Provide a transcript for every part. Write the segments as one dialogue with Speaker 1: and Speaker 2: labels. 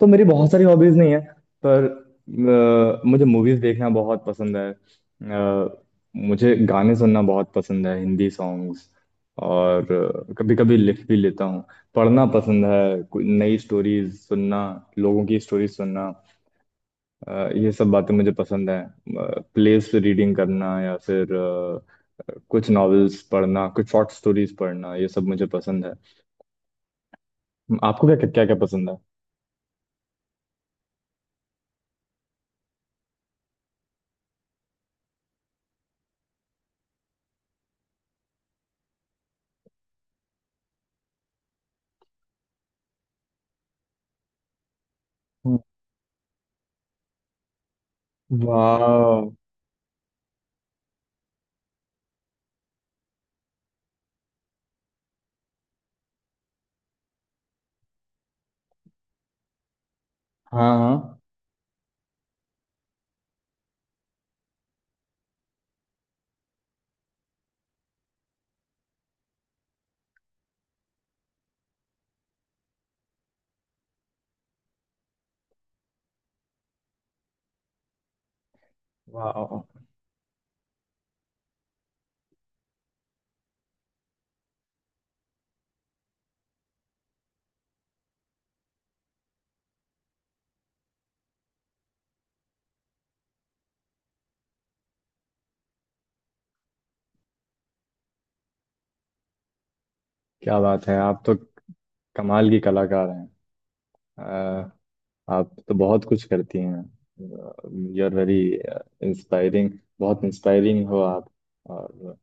Speaker 1: तो मेरी बहुत सारी हॉबीज नहीं है, पर मुझे मूवीज देखना बहुत पसंद है। मुझे गाने सुनना बहुत पसंद है, हिंदी सॉन्ग्स, और कभी कभी लिख भी लेता हूँ। पढ़ना पसंद है, कोई नई स्टोरीज सुनना, लोगों की स्टोरीज सुनना, ये सब बातें मुझे पसंद है। प्लेस रीडिंग करना या फिर कुछ नॉवेल्स पढ़ना, कुछ शॉर्ट स्टोरीज पढ़ना, ये सब मुझे पसंद है। आपको क्या क्या क्या पसंद है? वाह। हाँ हाँ। वाह, क्या बात है! आप तो कमाल की कलाकार हैं। अ, आप तो बहुत कुछ करती हैं। You are very inspiring. बहुत इंस्पायरिंग हो आप। और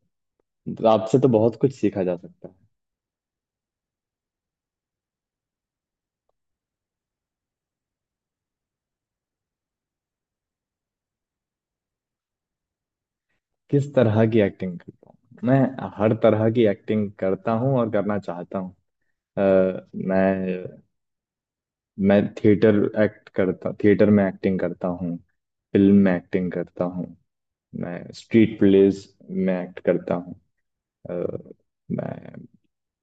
Speaker 1: आपसे तो बहुत कुछ सीखा जा सकता है। किस तरह की एक्टिंग करता हूँ मैं? हर तरह की एक्टिंग करता हूँ और करना चाहता हूँ। अ, मैं मैं थिएटर एक्ट करता, थिएटर में एक्टिंग करता हूँ। फिल्म में एक्टिंग करता हूँ। मैं स्ट्रीट प्लेज में एक्ट करता हूँ। अ, मैं,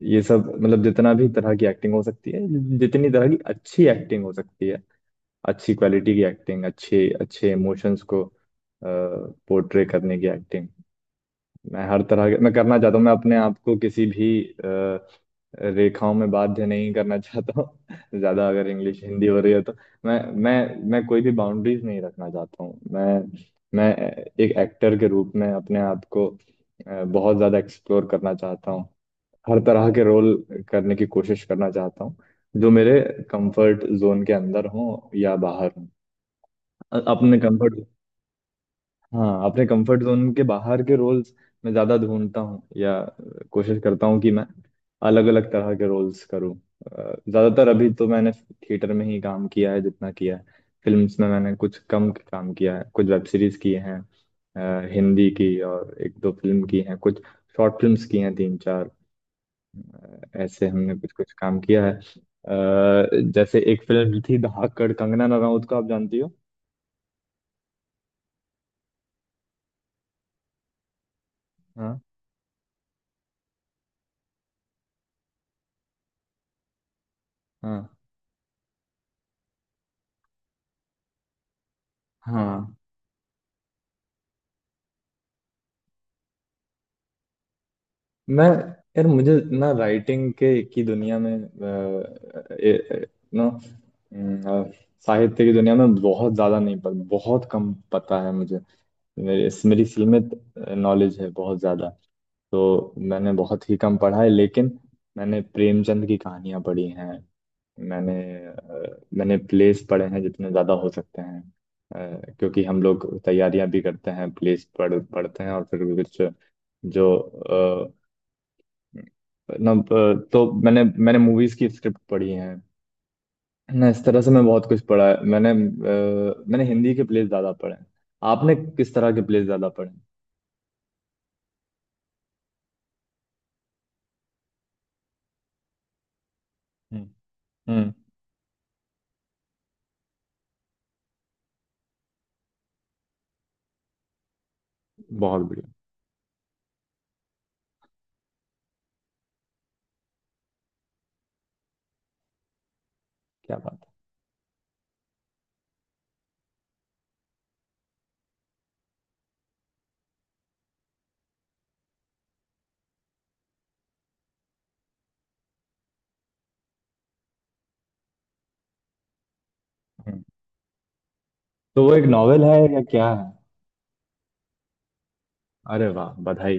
Speaker 1: ये सब मतलब जितना भी तरह की एक्टिंग हो सकती है, जितनी तरह की अच्छी एक्टिंग हो सकती है, अच्छी क्वालिटी की एक्टिंग, अच्छे अच्छे इमोशंस को पोर्ट्रे करने की एक्टिंग, मैं हर तरह के मैं करना चाहता हूँ। मैं अपने आप को किसी भी रेखाओं में बाध्य नहीं करना चाहता हूँ ज्यादा। अगर इंग्लिश हिंदी हो रही है तो मैं मैं मैं कोई भी बाउंड्रीज नहीं रखना चाहता हूँ। मैं एक एक्टर के रूप में अपने आप को बहुत ज्यादा एक्सप्लोर करना चाहता हूँ। हर तरह के रोल करने की कोशिश करना चाहता हूँ, जो मेरे कंफर्ट जोन के अंदर हो या बाहर हो। अपने कंफर्ट, हाँ अपने कंफर्ट जोन के बाहर के रोल्स मैं ज्यादा ढूंढता हूँ या कोशिश करता हूँ कि मैं अलग अलग तरह के रोल्स करूँ। ज्यादातर अभी तो मैंने थिएटर में ही काम किया है, जितना किया है। फिल्म्स में मैंने कुछ कम काम किया है। कुछ वेब सीरीज किए हैं। हिंदी की, और एक दो फिल्म की हैं, कुछ शॉर्ट फिल्म्स की हैं, तीन चार ऐसे हमने कुछ कुछ काम किया है। जैसे एक फिल्म थी धड़ाकेड़, कंगना रनाउत को आप जानती हो? हाँ। हाँ। हाँ। मैं, यार मुझे ना राइटिंग के की दुनिया में, नो, साहित्य की दुनिया में बहुत ज्यादा नहीं, पर बहुत कम पता है मुझे। मेरी मेरी सीमित नॉलेज है, बहुत ज्यादा तो मैंने बहुत ही कम पढ़ा है। लेकिन मैंने प्रेमचंद की कहानियां पढ़ी हैं। मैंने मैंने प्लेस पढ़े हैं, जितने ज़्यादा हो सकते हैं। क्योंकि हम लोग तैयारियां भी करते हैं, प्लेस पढ़ पढ़ते हैं और फिर कुछ जो ना तो मैंने मैंने मूवीज की स्क्रिप्ट पढ़ी है ना, इस तरह से मैं बहुत कुछ पढ़ा है मैंने। मैंने हिंदी के प्लेस ज्यादा पढ़े हैं। आपने किस तरह के प्लेस ज्यादा पढ़े हैं? हम्म। हम्म, बहुत बढ़िया। क्या बात है! तो वो एक नॉवेल है या क्या है? अरे वाह, बधाई!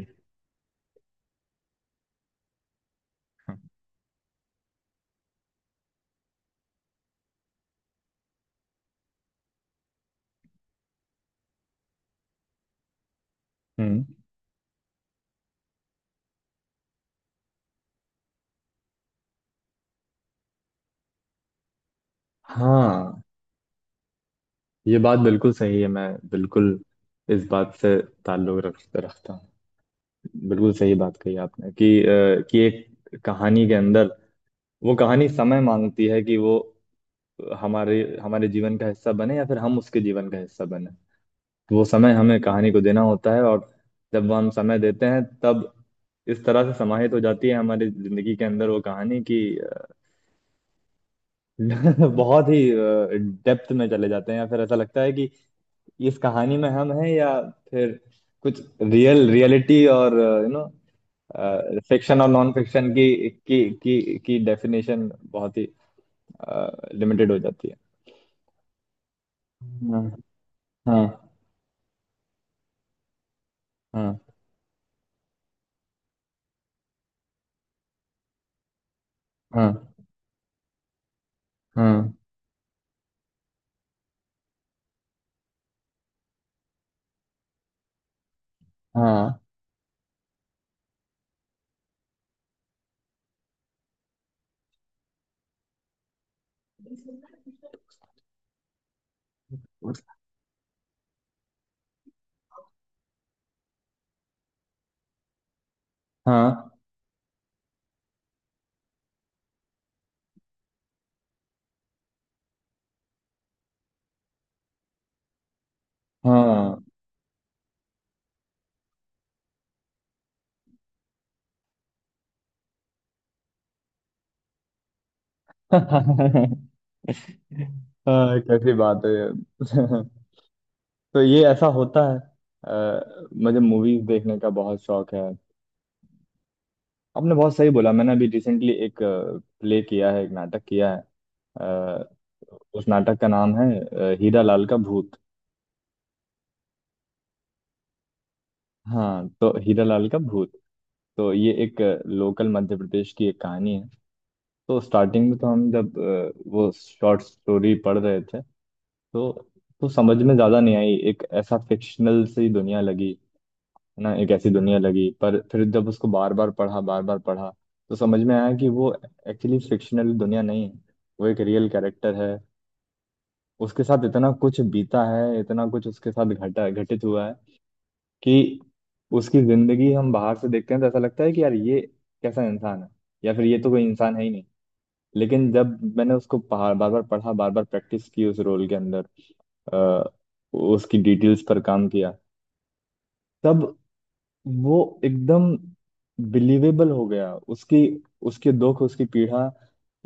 Speaker 1: हम्म, हाँ। ये बात बिल्कुल सही है, मैं बिल्कुल इस बात से ताल्लुक रख रखता हूँ। बिल्कुल सही बात कही आपने कि कि एक कहानी के अंदर, वो कहानी समय मांगती है कि वो हमारे हमारे जीवन का हिस्सा बने, या फिर हम उसके जीवन का हिस्सा बने। वो समय हमें कहानी को देना होता है, और जब वो हम समय देते हैं तब इस तरह से समाहित हो जाती है हमारी जिंदगी के अंदर वो कहानी, कि बहुत ही डेप्थ में चले जाते हैं, या फिर ऐसा लगता है कि इस कहानी में हम हैं, या फिर कुछ रियल रियलिटी, और फिक्शन और नॉन फिक्शन की डेफिनेशन बहुत ही लिमिटेड हो जाती है। हाँ। हाँ। हाँ। हाँ। हाँ। हाँ। हाँ। हाँ। हाँ, कैसी बात है ये। तो ये ऐसा होता है। मुझे मूवीज देखने का बहुत शौक है। आपने बहुत सही बोला। मैंने अभी रिसेंटली एक प्ले किया है, एक नाटक किया है। अ, उस नाटक का नाम है हीरा लाल का भूत। हाँ, तो हीरा लाल का भूत, तो ये एक लोकल मध्य प्रदेश की एक कहानी है। तो स्टार्टिंग में तो हम जब वो शॉर्ट स्टोरी पढ़ रहे थे, तो तो समझ में ज्यादा नहीं आई, एक ऐसा फिक्शनल सी दुनिया लगी, है ना, एक ऐसी दुनिया लगी। पर फिर जब उसको बार बार पढ़ा, बार बार पढ़ा, तो समझ में आया कि वो एक्चुअली फिक्शनल दुनिया नहीं है। वो एक रियल कैरेक्टर है। उसके साथ इतना कुछ बीता है, इतना कुछ उसके साथ घटा, घटित हुआ है कि उसकी जिंदगी हम बाहर से देखते हैं तो ऐसा लगता है कि यार ये कैसा इंसान है, या फिर ये तो कोई इंसान है ही नहीं। लेकिन जब मैंने उसको बार बार पढ़ा, बार बार प्रैक्टिस की, उस रोल के अंदर अ, उसकी डिटेल्स पर काम किया, तब वो एकदम बिलीवेबल हो गया। उसकी, उसके दुख, उसकी पीड़ा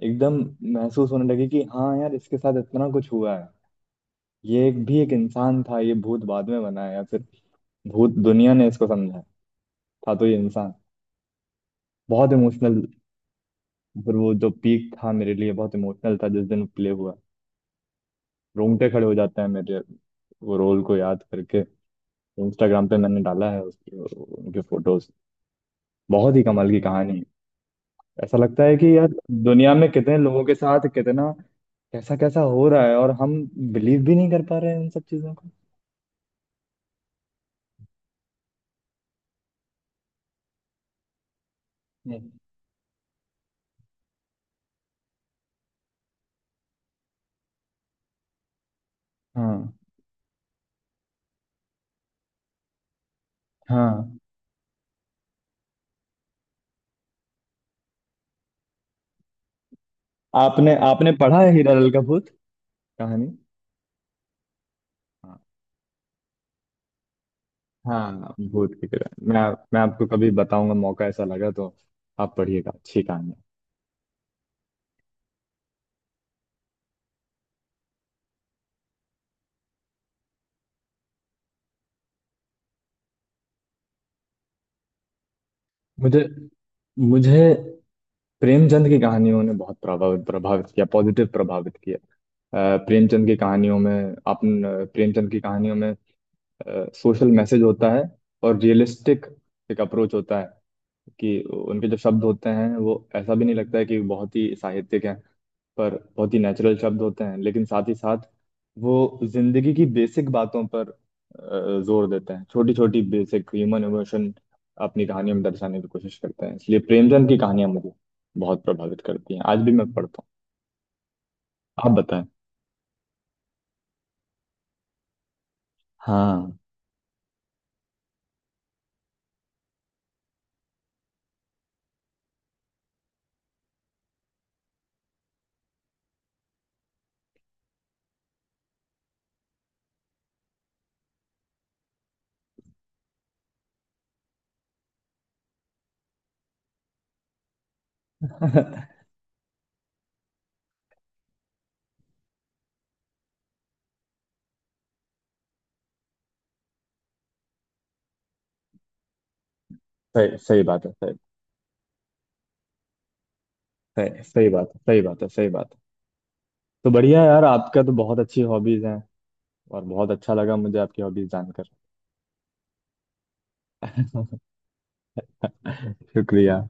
Speaker 1: एकदम महसूस होने लगी, कि हाँ यार, इसके साथ इतना कुछ हुआ है। ये एक भी, एक इंसान था, ये भूत बाद में बना है, या फिर भूत दुनिया ने इसको समझा है। था तो ये इंसान। बहुत इमोशनल, फिर वो जो पीक था मेरे लिए बहुत इमोशनल था जिस दिन प्ले हुआ। रोंगटे खड़े हो जाते हैं मेरे वो रोल को याद करके। इंस्टाग्राम पे मैंने डाला है उसके, उनके फोटोज। बहुत ही कमाल की कहानी है। ऐसा लगता है कि यार दुनिया में कितने लोगों के साथ कितना कैसा कैसा हो रहा है, और हम बिलीव भी नहीं कर पा रहे हैं उन सब चीजों को। हम्म। हाँ। हाँ। आपने आपने पढ़ा है हीरा लाल का भूत कहानी? हाँ। हाँ, भूत की तरह मैं आपको कभी बताऊंगा, मौका ऐसा लगा तो आप पढ़िएगा, अच्छी कहानी है। मुझे मुझे प्रेमचंद की कहानियों ने बहुत प्रभावित प्रभावित किया, पॉजिटिव प्रभावित किया। प्रेमचंद की कहानियों में, आप, प्रेमचंद की कहानियों में सोशल मैसेज होता है, और रियलिस्टिक एक अप्रोच होता है कि उनके जो शब्द होते हैं वो ऐसा भी नहीं लगता है कि बहुत ही साहित्यिक हैं, पर बहुत ही नेचुरल शब्द होते हैं, लेकिन साथ ही साथ वो जिंदगी की बेसिक बातों पर जोर देते हैं, छोटी छोटी बेसिक ह्यूमन इमोशन अपनी कहानियों में दर्शाने की कोशिश करते हैं, इसलिए प्रेमचंद की कहानियां मुझे बहुत प्रभावित करती हैं, आज भी मैं पढ़ता हूँ। आप बताएं। हाँ। सही सही बात है, सही, सही बात है, सही बात है, सही बात है। तो बढ़िया यार, आपका तो बहुत अच्छी हॉबीज हैं, और बहुत अच्छा लगा मुझे आपकी हॉबीज जानकर। शुक्रिया।